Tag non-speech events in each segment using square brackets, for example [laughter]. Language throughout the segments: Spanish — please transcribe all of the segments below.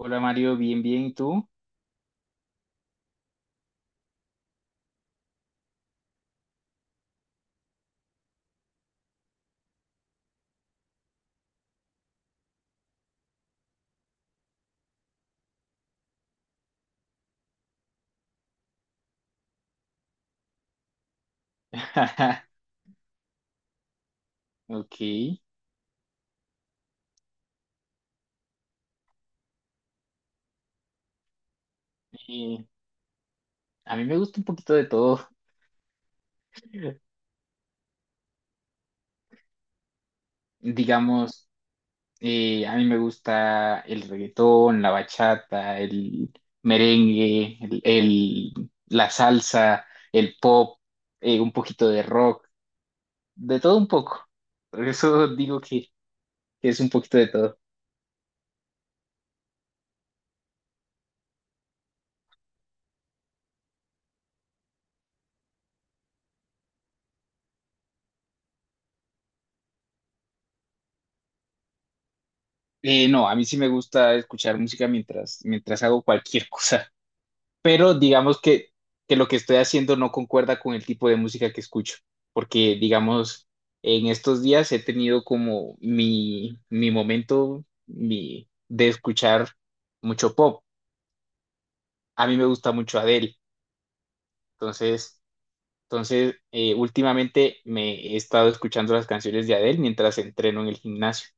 Hola Mario, bien, bien, ¿y tú? [laughs] Ok. eh, a mí me gusta un poquito de todo. [laughs] Digamos, a mí me gusta el reggaetón, la bachata, el merengue, la salsa, el pop, un poquito de rock, de todo un poco. Por eso digo que es un poquito de todo. No, a mí sí me gusta escuchar música mientras hago cualquier [laughs] cosa. Pero digamos que lo que estoy haciendo no concuerda con el tipo de música que escucho, porque digamos, en estos días he tenido como mi momento de escuchar mucho pop. A mí me gusta mucho Adele, entonces, entonces últimamente me he estado escuchando las canciones de Adele mientras entreno en el gimnasio.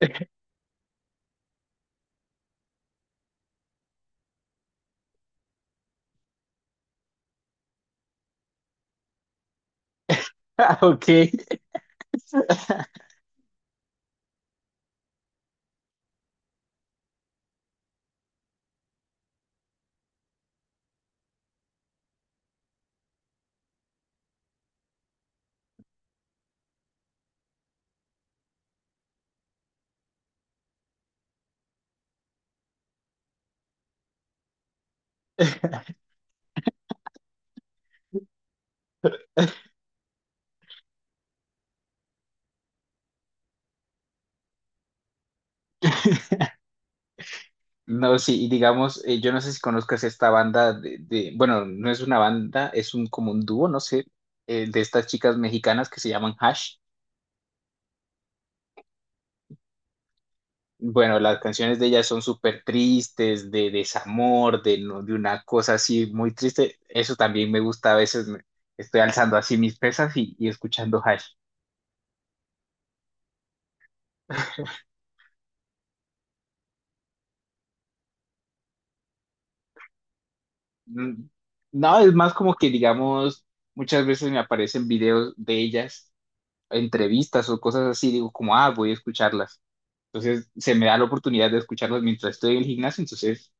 [laughs] Ah, ok. [laughs] No, sí, y digamos, yo no sé si conozcas esta banda de, bueno, no es una banda, es un como un dúo, no sé, de estas chicas mexicanas que se llaman Hash. Bueno, las canciones de ellas son súper tristes, de desamor, de, de una cosa así muy triste. Eso también me gusta, a veces estoy alzando así mis pesas y escuchando Hash. Mm, no, es más como que, digamos, muchas veces me aparecen videos de ellas, entrevistas o cosas así, digo como, ah, voy a escucharlas. Entonces se me da la oportunidad de escucharlos mientras estoy en el gimnasio, entonces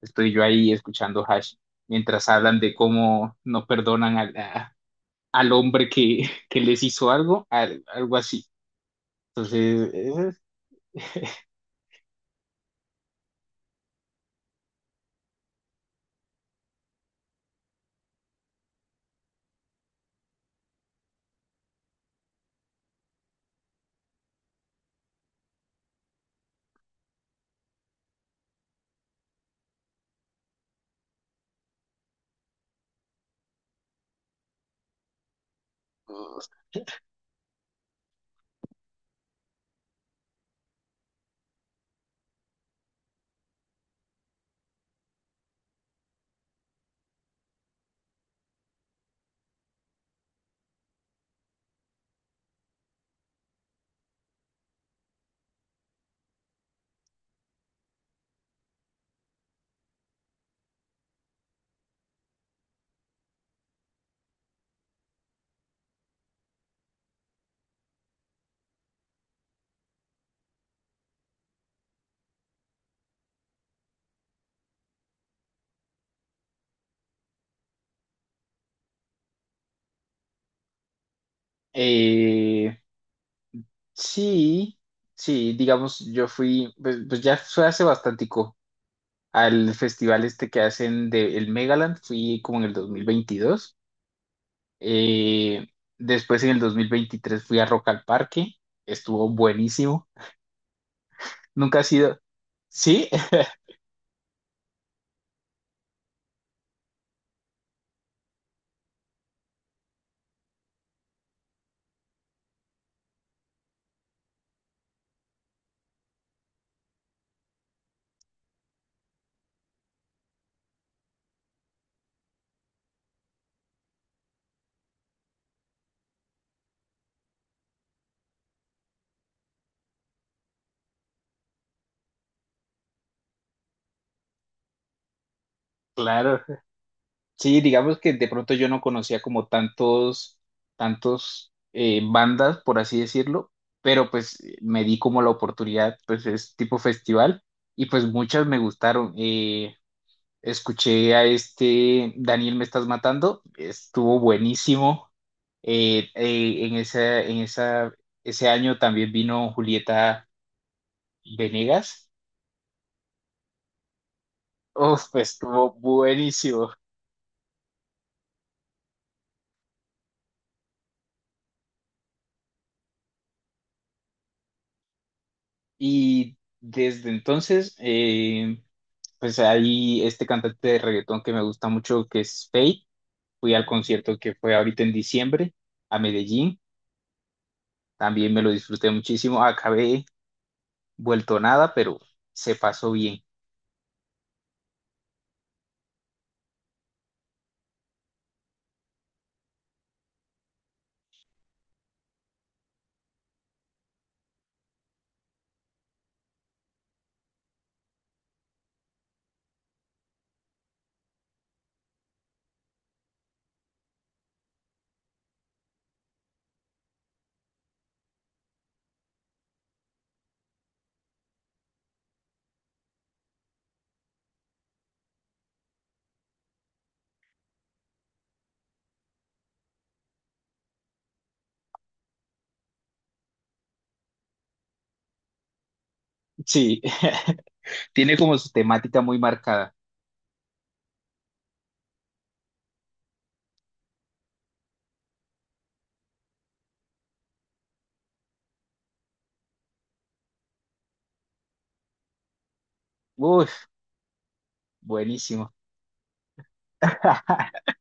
estoy yo ahí escuchando Hash, mientras hablan de cómo no perdonan al hombre que, [laughs] que les hizo algo, algo así. Entonces, es- eh, sí, sí, digamos, yo fui, pues, pues ya fue hace bastantico al festival este que hacen de el Megaland, fui como en el 2022. Eh, Después en el 2023 fui a Rock al Parque, estuvo buenísimo. Nunca ha sido. Sí, [laughs] claro. Sí, digamos que de pronto yo no conocía como tantos, tantos bandas, por así decirlo, pero pues me di como la oportunidad, pues es tipo festival y pues muchas me gustaron. Escuché a este Daniel Me Estás Matando, estuvo buenísimo. En esa, ese año también vino Julieta Venegas. Uf, pues estuvo buenísimo. Y desde entonces, pues ahí este cantante de reggaetón que me gusta mucho, que es Feid, fui al concierto que fue ahorita en diciembre a Medellín, también me lo disfruté muchísimo, acabé vuelto nada, pero se pasó bien. Sí, [laughs] tiene como su temática muy marcada. Uf, buenísimo. [laughs]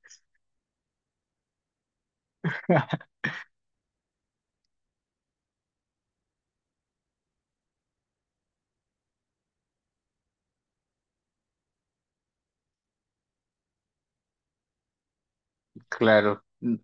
Claro, mm,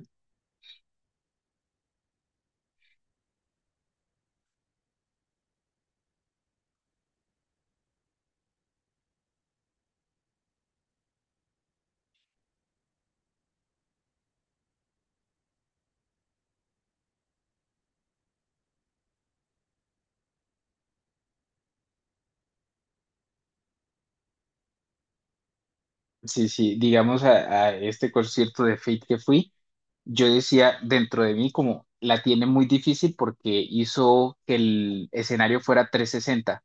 sí, sí, digamos a este concierto de Fate que fui, yo decía dentro de mí como la tiene muy difícil porque hizo que el escenario fuera 360.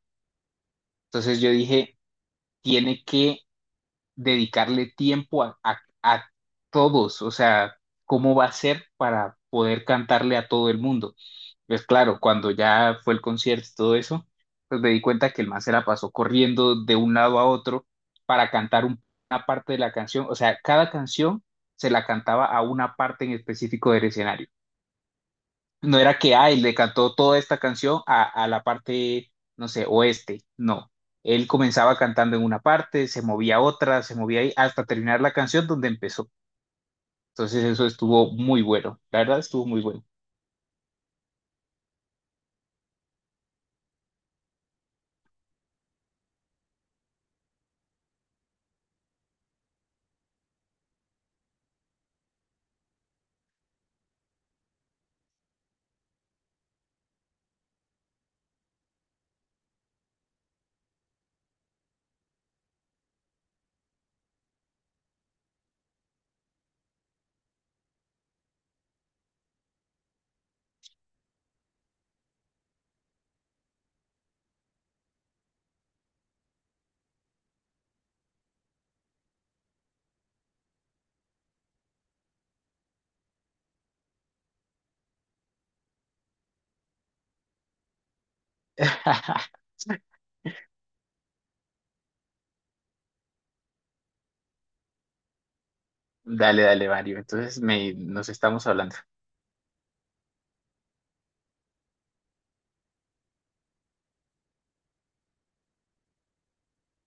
Entonces yo dije, tiene que dedicarle tiempo a, a todos, o sea, ¿cómo va a ser para poder cantarle a todo el mundo? Pues claro, cuando ya fue el concierto y todo eso, pues me di cuenta que el man se la pasó corriendo de un lado a otro para cantar una parte de la canción, o sea, cada canción se la cantaba a una parte en específico del escenario. No era que, ay, le cantó toda esta canción a la parte, no sé, oeste. No. Él comenzaba cantando en una parte, se movía a otra, se movía ahí, hasta terminar la canción donde empezó. Entonces eso estuvo muy bueno. La verdad estuvo muy bueno. [laughs] Dale, dale, Mario. Entonces me, nos estamos hablando.